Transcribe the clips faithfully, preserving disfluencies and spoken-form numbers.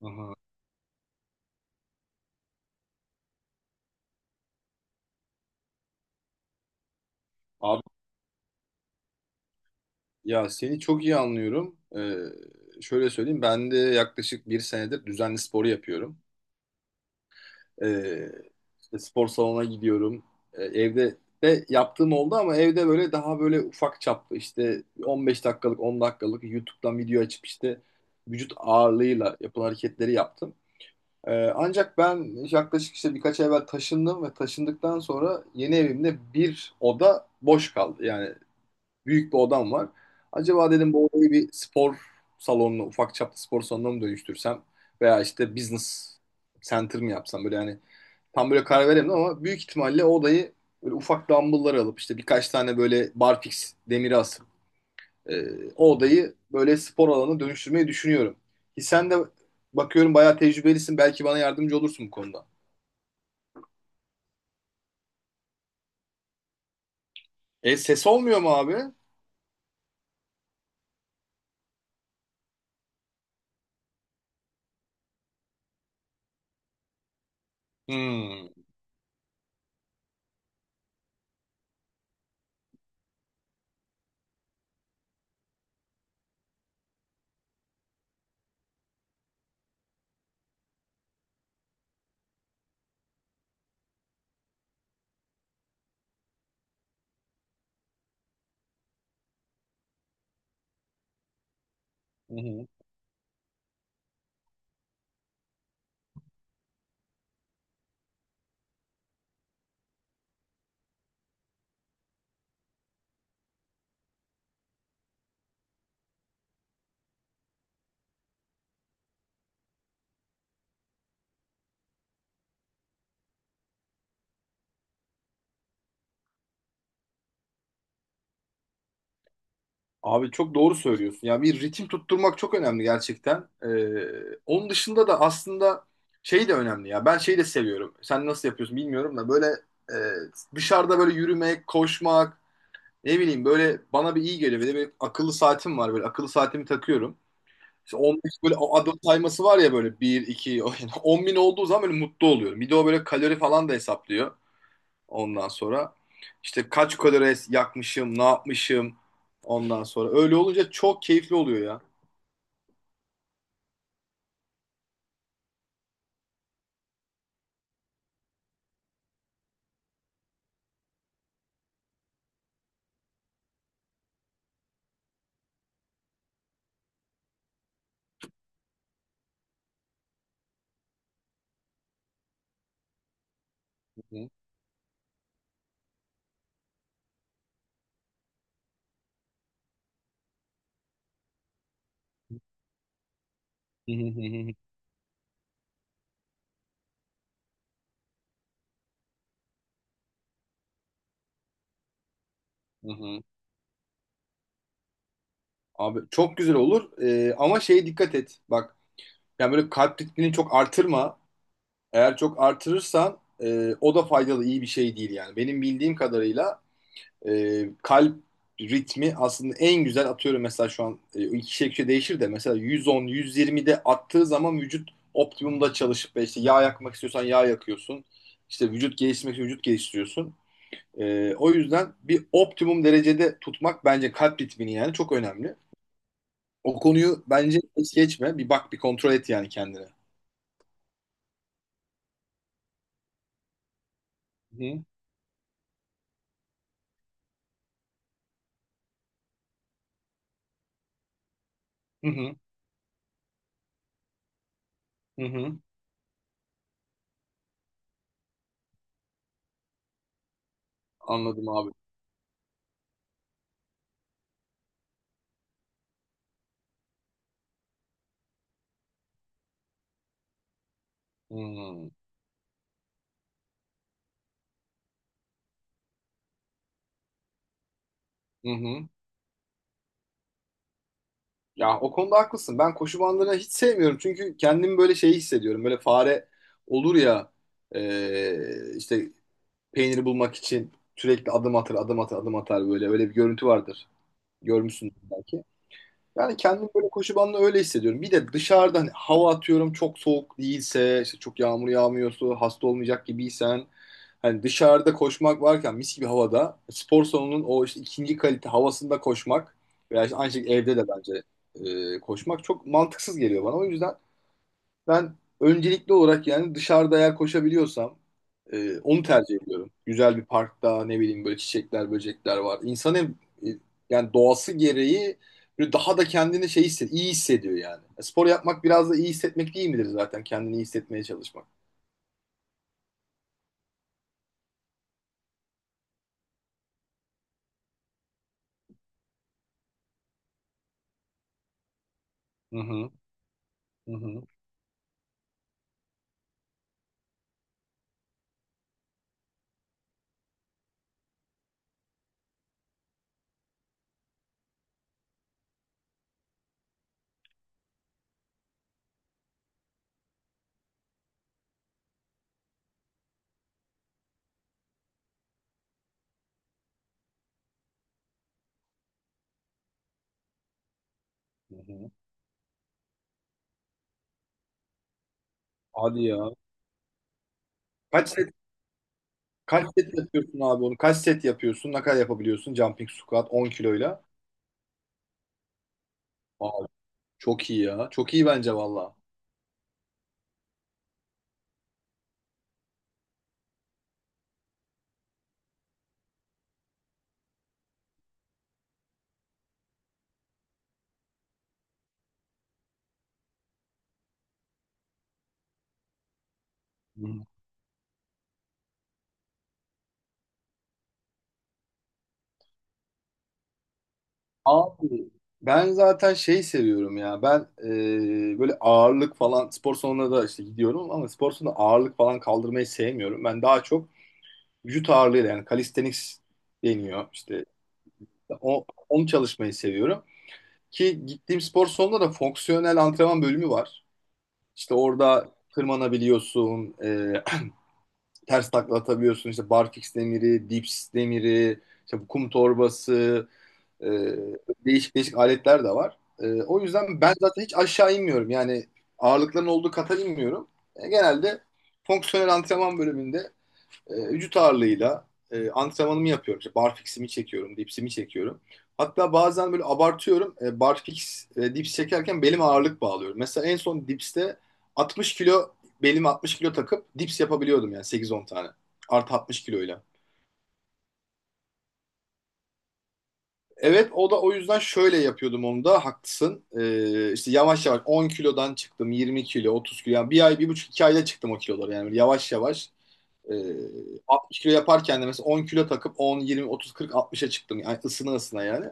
Aha. Abi ya seni çok iyi anlıyorum. Ee, şöyle söyleyeyim, ben de yaklaşık bir senedir düzenli sporu yapıyorum. Ee, işte spor salonuna gidiyorum. Ee, evde de yaptığım oldu ama evde böyle daha böyle ufak çaplı işte on beş dakikalık on dakikalık YouTube'dan video açıp işte vücut ağırlığıyla yapılan hareketleri yaptım. Ee, ancak ben yaklaşık işte birkaç ay evvel taşındım ve taşındıktan sonra yeni evimde bir oda boş kaldı. Yani büyük bir odam var. Acaba dedim bu odayı bir spor salonuna, ufak çaplı spor salonuna mı dönüştürsem veya işte business center mı yapsam, böyle yani tam böyle karar veremedim ama büyük ihtimalle o odayı böyle ufak dumbbell'lar alıp işte birkaç tane böyle barfix demiri asıp e, o odayı böyle spor alanına dönüştürmeyi düşünüyorum. Ki sen de bakıyorum bayağı tecrübelisin, belki bana yardımcı olursun bu konuda. E ses olmuyor mu abi? Hmm. Hı hı. Abi çok doğru söylüyorsun. Ya bir ritim tutturmak çok önemli gerçekten. Ee, onun dışında da aslında şey de önemli ya. Ben şeyi de seviyorum. Sen nasıl yapıyorsun bilmiyorum da böyle e, dışarıda böyle yürümek, koşmak, ne bileyim böyle bana bir iyi geliyor. Bir de bir akıllı saatim var böyle. Akıllı saatimi takıyorum. İşte on beş böyle o adım sayması var ya böyle bir, iki, on bin olduğu zaman böyle mutlu oluyorum. Bir de o böyle kalori falan da hesaplıyor. Ondan sonra işte kaç kalori yakmışım, ne yapmışım ondan sonra. Öyle olunca çok keyifli oluyor ya. Hı hı. Hı hı. Abi çok güzel olur. Ee, ama şeye dikkat et. Bak, yani böyle kalp ritmini çok artırma. Eğer çok artırırsan e, o da faydalı iyi bir şey değil yani. Benim bildiğim kadarıyla e, kalp ritmi aslında en güzel atıyorum mesela şu an e, iki kişiye değişir de mesela yüz on yüz yirmide attığı zaman vücut optimumda çalışıp ve işte yağ yakmak istiyorsan yağ yakıyorsun. İşte vücut geliştirmek için vücut geliştiriyorsun. E, o yüzden bir optimum derecede tutmak bence kalp ritmini yani çok önemli. O konuyu bence hiç geçme. Bir bak, bir kontrol et yani kendine. Hı hı, hı hı. Anladım abi. Hı hı. Hı hı. Ya o konuda haklısın. Ben koşu bandını hiç sevmiyorum. Çünkü kendimi böyle şey hissediyorum. Böyle fare olur ya, e, işte peyniri bulmak için sürekli adım atar, adım atar, adım atar böyle. Öyle bir görüntü vardır. Görmüşsün belki. Yani kendim böyle koşu bandında öyle hissediyorum. Bir de dışarıda hani hava atıyorum, çok soğuk değilse, işte çok yağmur yağmıyorsa, hasta olmayacak gibiysen hani dışarıda koşmak varken mis gibi havada spor salonunun o işte ikinci kalite havasında koşmak veya işte aynı şekilde evde de bence e, koşmak çok mantıksız geliyor bana. O yüzden ben öncelikli olarak yani dışarıda eğer koşabiliyorsam e, onu tercih ediyorum. Güzel bir parkta ne bileyim böyle çiçekler, böcekler var. İnsan hem e, yani doğası gereği böyle daha da kendini şey hisset, iyi hissediyor yani. E, spor yapmak biraz da iyi hissetmek değil midir zaten? Kendini iyi hissetmeye çalışmak. Hı hı, hı hı, hı hı. Hadi ya. Kaç set, kaç set yapıyorsun abi onu? Kaç set yapıyorsun? Ne kadar yapabiliyorsun? Jumping squat on kiloyla. Aa, çok iyi ya. Çok iyi bence valla. Abi ben zaten şey seviyorum ya, ben e, böyle ağırlık falan spor salonuna da işte gidiyorum ama spor salonunda ağırlık falan kaldırmayı sevmiyorum. Ben daha çok vücut ağırlığıyla, yani calisthenics deniyor işte, o, onu çalışmayı seviyorum. Ki gittiğim spor salonunda da fonksiyonel antrenman bölümü var. İşte orada tırmanabiliyorsun, e, ters takla atabiliyorsun, işte barfiks demiri, dips demiri, işte bu kum torbası. Ee, Değişik değişik aletler de var. Ee, o yüzden ben zaten hiç aşağı inmiyorum. Yani ağırlıkların olduğu kata inmiyorum. E, genelde fonksiyonel antrenman bölümünde e, vücut ağırlığıyla e, antrenmanımı yapıyorum. İşte barfix'imi çekiyorum, dipsimi çekiyorum. Hatta bazen böyle abartıyorum. E, barfix, e, dips çekerken belime ağırlık bağlıyorum. Mesela en son dipste altmış kilo, belime altmış kilo takıp dips yapabiliyordum yani sekiz on tane. Artı altmış kiloyla. Evet, o da o yüzden şöyle yapıyordum, onu da haklısın. Ee, işte yavaş yavaş on kilodan çıktım, yirmi kilo, otuz kilo, yani bir ay, bir buçuk iki ayda çıktım o kiloları yani. Böyle yavaş yavaş, e, altmış kilo yaparken de mesela on kilo takıp on, yirmi, otuz, kırk, altmışa çıktım yani, ısına ısına yani.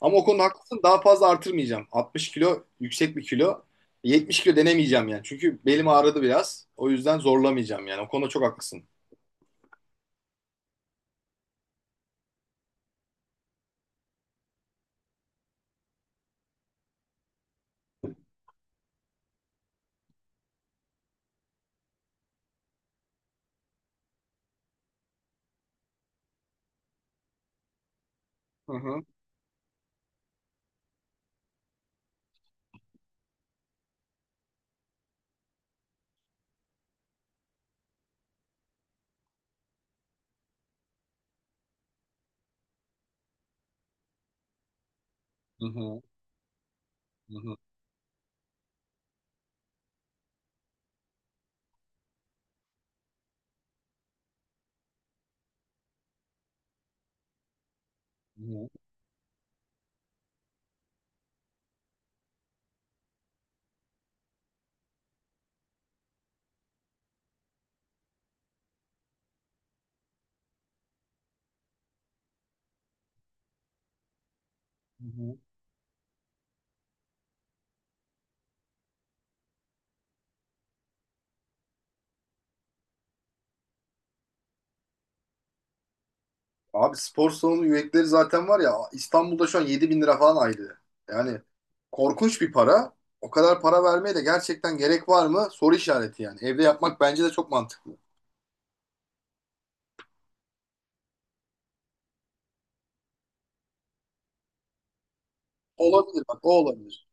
Ama o konuda haklısın, daha fazla artırmayacağım, altmış kilo yüksek bir kilo, yetmiş kilo denemeyeceğim yani, çünkü belim ağrıdı biraz, o yüzden zorlamayacağım yani, o konuda çok haklısın. Hı hı. Hı hı. Hı hı. Hı hı. Hı hı. Abi spor salonu üyelikleri zaten var ya, İstanbul'da şu an yedi bin lira falan aylığı. Yani korkunç bir para. O kadar para vermeye de gerçekten gerek var mı? Soru işareti yani. Evde yapmak bence de çok mantıklı. Olabilir bak, o olabilir.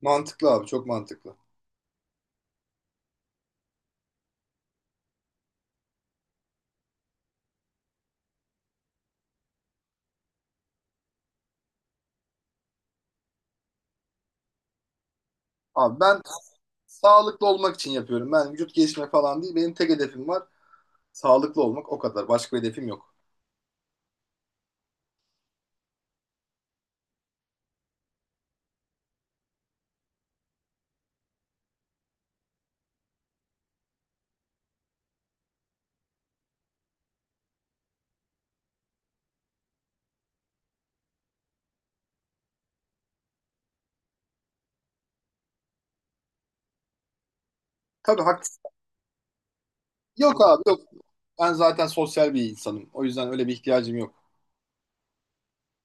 Mantıklı abi, çok mantıklı. Abi ben sağlıklı olmak için yapıyorum. Ben vücut geliştirme falan değil. Benim tek hedefim var. Sağlıklı olmak, o kadar. Başka bir hedefim yok. Tabii haklısın. Yok abi, yok. Ben zaten sosyal bir insanım. O yüzden öyle bir ihtiyacım yok.